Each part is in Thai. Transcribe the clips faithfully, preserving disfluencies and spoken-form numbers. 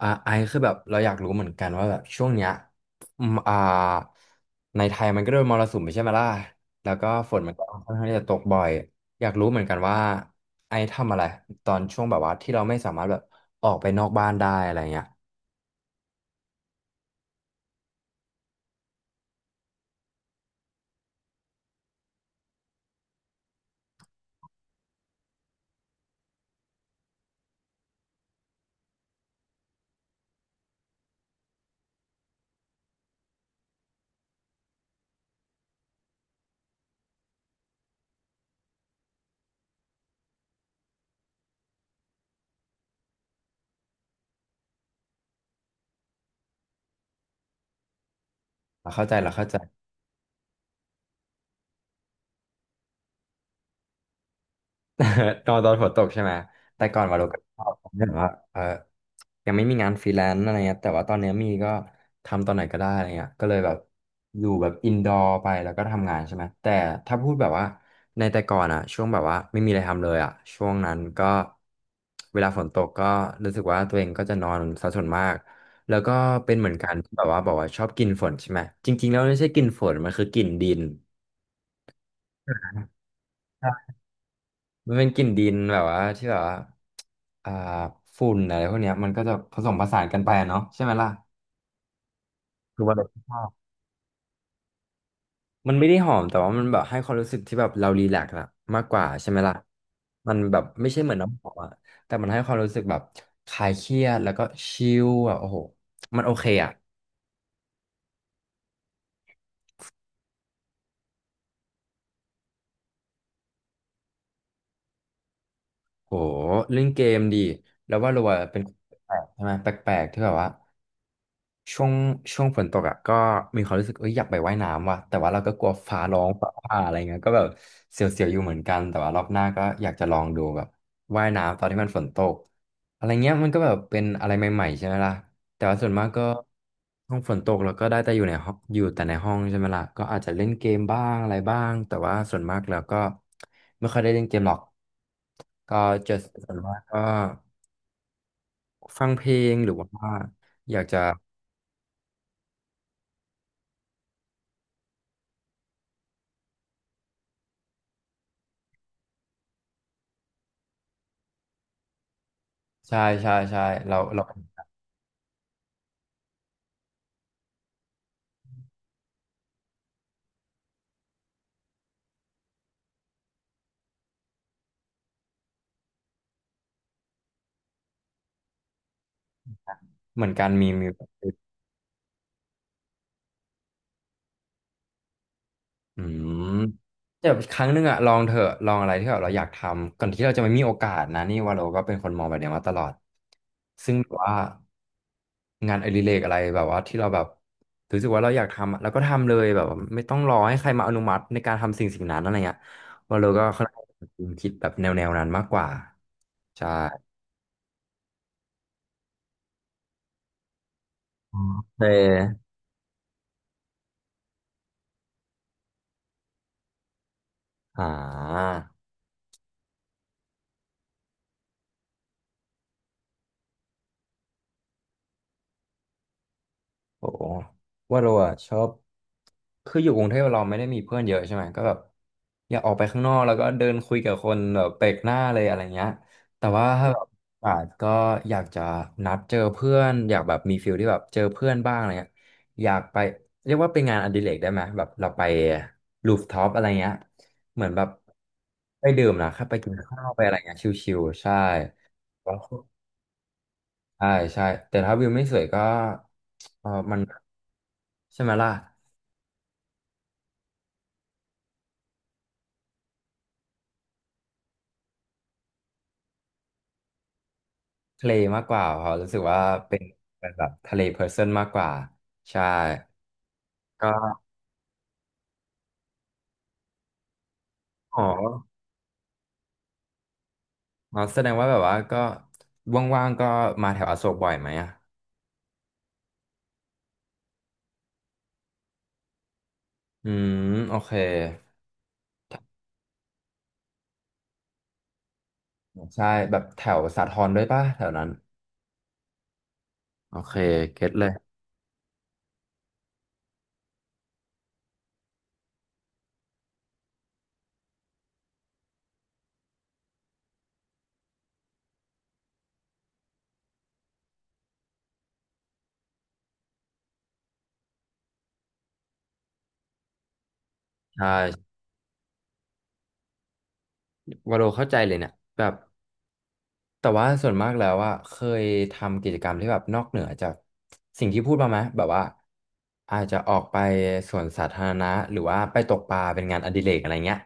อ่าไอคือแบบเราอยากรู้เหมือนกันว่าแบบช่วงเนี้ยอืมอ่าในไทยมันก็โดนมรสุมไปใช่ไหมล่ะแล้วก็ฝนมันก็ค่อนข้างที่จะตกบ่อยอยากรู้เหมือนกันว่าไอทำอะไรตอนช่วงแบบว่าที่เราไม่สามารถแบบออกไปนอกบ้านได้อะไรเงี้ยเราเข้าใจเราเข้าใจ ตอนตอนฝนตกใช่ไหมแต่ก่อนว่าเราก็ชอบแบบว่าเออ ยังไม่มีงานฟรีแลนซ์อะไรเงี้ยแต่ว่าตอนเนี้ยมีก็ทำตอนไหนก็ได้อะไรเงี้ยก็เลยแบบอยู่แบบอินดอร์ไปแล้วก็ทำงานใช่ไหมแต่ถ้าพูดแบบว่าในแต่ก่อนอะช่วงแบบว่าไม่มีอะไรทำเลยอะช่วงนั้นก็เวลาฝนตกก็รู้สึกว่าตัวเองก็จะนอนซะส่วนมากแล้วก็เป็นเหมือนกันที่แบบว่าบอกว่าชอบกลิ่นฝนใช่ไหมจริงๆแล้วไม่ใช่กลิ่นฝนมันคือกลิ่นดินใช่มันเป็นกลิ่นดินแบบว่าที่แบบว่าอ่าฝุ่นอะไรพวกเนี้ยมันก็จะผสมผสานกันไปอะเนาะใช่ไหมล่ะคือว่าเราชอบ มันไม่ได้หอมแต่ว่ามันแบบให้ความรู้สึกที่แบบเรารีแลกซ์อะมากกว่าใช่ไหมล่ะมันแบบไม่ใช่เหมือนน้ำหอมอะแต่มันให้ความรู้สึกแบบคลายเครียดแล้วก็ชิลอะโอ้โหมันโอเคอะโหเล่นเกมดีแล้วว่าเราอะเป็นแปลกๆใช่ไหมแปลกๆที่แบบว่า ช่วงช่วงฝนตกอ่ะก็มีความรู้สึกเอ้ยอยากไปว่ายน้ำว่ะแต่ว่าเราก็กลัวฟ้าร้องฟ้าผ่าอะไรเงี้ยก็แบบเสียวๆอยู่เหมือนกันแต่ว่ารอบหน้าก็อยากจะลองดูแบบว่ายน้ำตอนที่มันฝนตกอะไรเงี้ยมันก็แบบเป็นอะไรใหม่ๆใช่ไหมล่ะแต่ว่าส่วนมากก็ห้องฝนตกเราก็ได้แต่อยู่ในห้องอยู่แต่ในห้องใช่ไหมล่ะก็อาจจะเล่นเกมบ้างอะไรบ้างแต่ว่าส่วนมากแล้วก็ไม่ค่อยได้เล่นเกมหรอกก็จะส่วนมากก็ฟังเพลงหรือว่าอยากจะใช่ใช่ใช่เราเรา เหมือนการมีมีอืมแต่ครั้งหนึ่งอะลองเถอะลองอะไรที่แบบเราอยากทำก่อนที่เราจะไม่มีโอกาสนะนี่ว่าเราก็เป็นคนมองแบบเนี้ยมาตลอดซึ่งแบบว่างานอดิเรกอะไรแบบว่าที่เราแบบรู้สึกว่าเราอยากทำอะเราก็ทำเลยแบบว่าไม่ต้องรอให้ใครมาอนุมัติในการทำสิ่งสิ่งนั้นอะไรเงี้ยว่าเราก็ค่อนข้างคิดแบบแนวแนวนั้นมากกว่าใช่โอเคอ่า โอ้ว่าเราอะชอบคืออยู่กรุงเทพเราไม่ได้มีเพื่อนเยอะใช่ไหมก็แบบอยากออกไปข้างนอกแล้วก็เดินคุยกับคนแบบแปลกหน้าเลยอะไรเงี้ยแต่ว่าถ้าแบบอาจก็อยากจะนัดเจอเพื่อนอยากแบบมีฟิลที่แบบเจอเพื่อนบ้างอะไรเงี้ยอยากไปเรียกว่าเป็นงานอดิเรกได้ไหมแบบเราไปรูฟท็อปอะไรเงี้ยเหมือนแบบไปดื่มนะครับไปกินข้าวไปอะไรเงี้ยชิวๆใช่ใช่ใช่แต่ถ้าวิวไม่สวยก็เออมัน ใช่ไหมล่ะทะเลมากกว่าเขาะรู้สึกว่าเป็นเป็นแบบทะเลเพอร์เซนต์มากกว่าใช่ก็อ๋ออ๋อแสดงว่าแบบว่าก็ว่างๆก็มาแถวอโศกบ่อยไหมอ่ะอืมโอเคใช่แบบแถวสาทรด้วยป่ะแถวนั้นโอเคเก็ตเลยใช่วาโลเข้าใจเลยเนี่ยแบบ แต่ว่าส่วนมากแล้วอะเคยทำกิจกรรมที่แบบนอกเหนือจากสิ่งที่พูดมาไหมแบบว่าอาจจะออกไปสวนสาธารณะหรือว่าไปตกปลาเป็นงานอดิเรกอะไรเงี้ย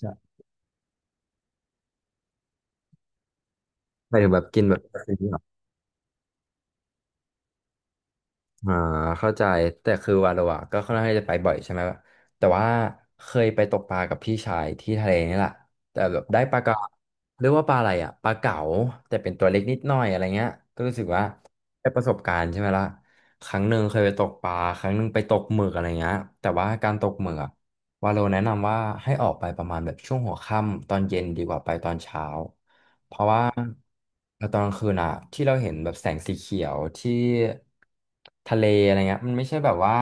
ใช่หมายถึงแบบกินแบบ อ่าเข้าใจแต่คือวาโลอะก็ค่อนข้างจะไปบ่อยใช่ไหมแต่ว่าเคยไปตกปลากับพี่ชายที่ทะเลนี่แหละแต่แบบได้ปลากระเรียกว่าปลาอะไรอะปลาเก๋าแต่เป็นตัวเล็กนิดหน่อยอะไรเงี้ยก็รู้สึกว่าได้ประสบการณ์ใช่ไหมล่ะครั้งหนึ่งเคยไปตกปลาครั้งหนึ่งไปตกหมึกอะไรเงี้ยแต่ว่าการตกหมึกอะวาโลแนะนำว่าให้ออกไปประมาณแบบช่วงหัวค่ำตอนเย็นดีกว่าไปตอนเช้า เพราะว่าตอนกลางคืนอะที่เราเห็นแบบแสงสีเขียวที่ทะเลอะไรเงี้ยมันไม่ใช่แบบว่า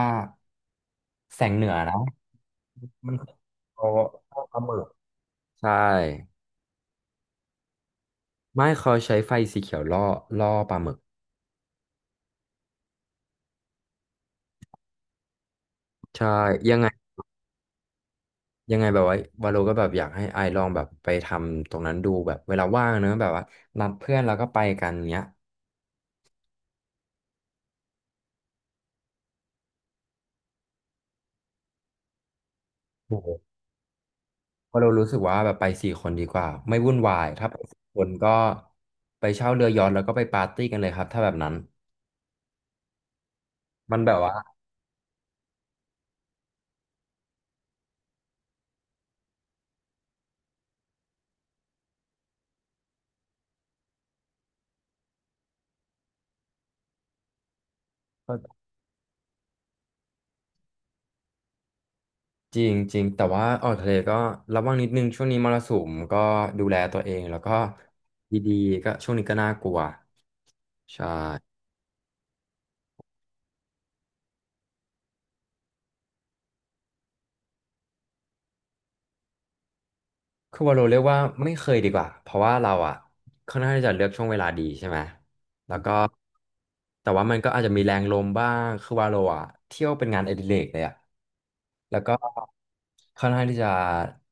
แสงเหนือนะมันเขาล่อปลาหมึกใช่ไม่เขาใช้ไฟสีเขียวล่อล่อปลาหมึกใช่ยังไงยังไงแบบว่าวาโลก็แบบอยากให้ไอลองแบบไปทำตรงนั้นดูแบบเวลาว่างเนอะแบบว่านัดเพื่อนแล้วก็ไปกันเงี้ยโห เพราะเรารู้สึกว่าแบบไปสี่คนดีกว่าไม่วุ่นวายถ้าไปสี่คนก็ไปเช่าเรือยอชท์แล้วก็ไปปาร์ตี้กันเลยครับถ้าแบบนั้นมันแบบว่าจริงจริงแต่ว่าออกทะเลก็ระวังนิดนึงช่วงนี้มรสุมก็ดูแลตัวเองแล้วก็ดีๆก็ช่วงนี้ก็น่ากลัวใช่คือว่าเราเรียกว่าไม่เคยดีกว่าเพราะว่าเราอ่ะค่อนข้างที่จะเลือกช่วงเวลาดีใช่ไหมแล้วก็แต่ว่ามันก็อาจจะมีแรงลมบ้างคือว่าเราอ่ะเที่ยวเป็นงานอดิเรกเลยอ่ะ แล้วก็ค่อนข้างที่จะ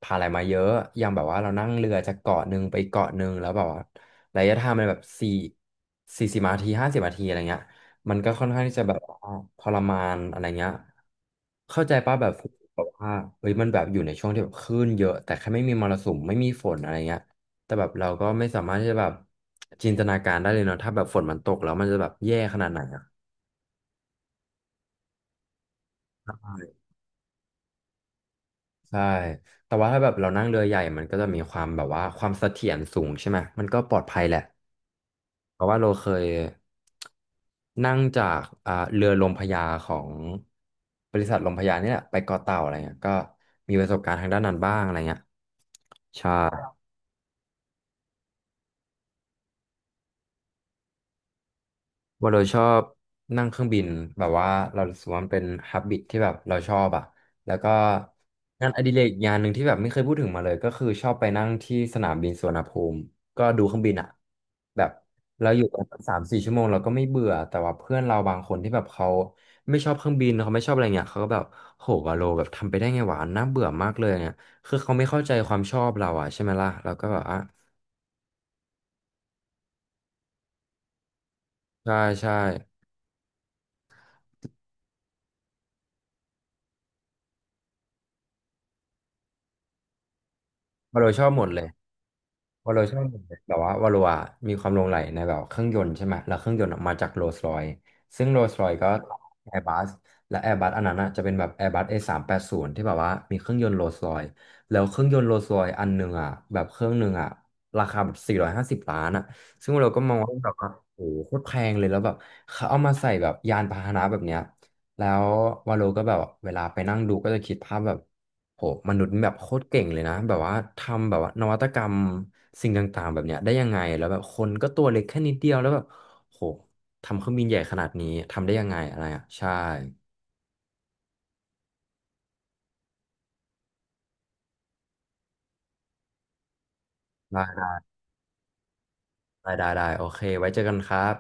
ผ่านอะไรมาเยอะอย่างแบบว่าเรานั่งเรือจากเกาะหนึ่งไปเกาะหนึ่งแล้วแบบว่าระยะทางมันแบบสี่สี่สิบนาทีห้าสิบนาทีอะไรเงี้ยมันก็ค่อนข้างที่จะแบบว่าทรมานอะไรเงี้ยเข้าใจป่ะแบบแบบว่าเฮ้ยมันแบบอยู่ในช่วงที่แบบคลื่นเยอะแต่แค่ไม่มีมรสุมไม่มีฝนอะไรเงี้ยแต่แบบเราก็ไม่สามารถที่จะแบบจินตนาการได้เลยเนาะถ้าแบบฝนมันตกแล้วมันจะแบบแย่ขนาดไหนอะ ใช่ แต่ว่าถ้าแบบเรานั่งเรือใหญ่มันก็จะมีความแบบว่าความเสถียรสูงใช่ไหม มันก็ปลอดภัยแหละ เพราะว่าเราเคยนั่งจากอ่าเรือลมพระยาของบริษัทลมพระยานี่แหละไปเกาะเต่าอะไรเงี้ยก็มีประสบการณ์ทางด้านนั้นบ้างอะไรเงี้ยใช่ ว่าเราชอบนั่งเครื่องบินแบบว่าเรารู้สึกว่ามันเป็นฮับบิตที่แบบเราชอบอ่ะแล้วก็งานอดิเรกงานหนึ่งที่แบบไม่เคยพูดถึงมาเลยก็คือชอบไปนั่งที่สนามบินสุวรรณภูมิก็ดูเครื่องบินอ่ะแบบเราอยู่กันสามสี่ชั่วโมงเราก็ไม่เบื่อแต่ว่าเพื่อนเราบางคนที่แบบเขาไม่ชอบเครื่องบินเขาไม่ชอบอะไรเงี้ยเขาก็แบบโหวาโลแบบทำไปได้ไงวะน่าเบื่อมากเลยเนี่ยคือเขาไม่เข้าใจความชอบเราอ่ะใช่ไหมล่ะเราก็แบบอ่ะใช่ใช่วาโลชอบหมดเลย วาโลชอบแบบว่าวาโลอะมีความหลงใหลในแบบเครื่องยนต์ใช่ไหมแล้วเครื่องยนต์อะมาจากโรลส์รอยซซึ่งโรลส์รอยซ์ก็แอร์บัสและแอร์บัสอันนั้นอะจะเป็นแบบแอร์บัส เอ สามแปดศูนย์ ที่แบบว่ามีเครื่องยนต์โรลส์รอยซ์แล้วเครื่องยนต์โรลส์รอยซ์อันหนึ่งอะแบบเครื่องหนึ่งอะราคาแบบสี่ร้อยห้าสิบล้านอะซึ่งเราก็มองว่าแบบว่าโอ้โหโคตรแพงเลยแล้วแบบเขาเอามาใส่แบบยานพาหนะแบบเนี้ยแล้ววาโลก็แบบเวลาไปนั่งดูก็จะคิดภาพแบบ โหมนุษย์แบบโคตรเก่งเลยนะ แบบว่าทำแบบว่านวัตกรรมสิ่งต่างๆแบบเนี้ยได้ยังไง แล้วแบบคนก็ตัวเล็กแค่นิดเดียวแล้วแบบโหทำเครื่องบินใหญ่ขนาดนี้ทำได้ยังไงอะไรอ่ะ ใช่ได้ได้ได้ได้โอเค ไว้เจอกันครับ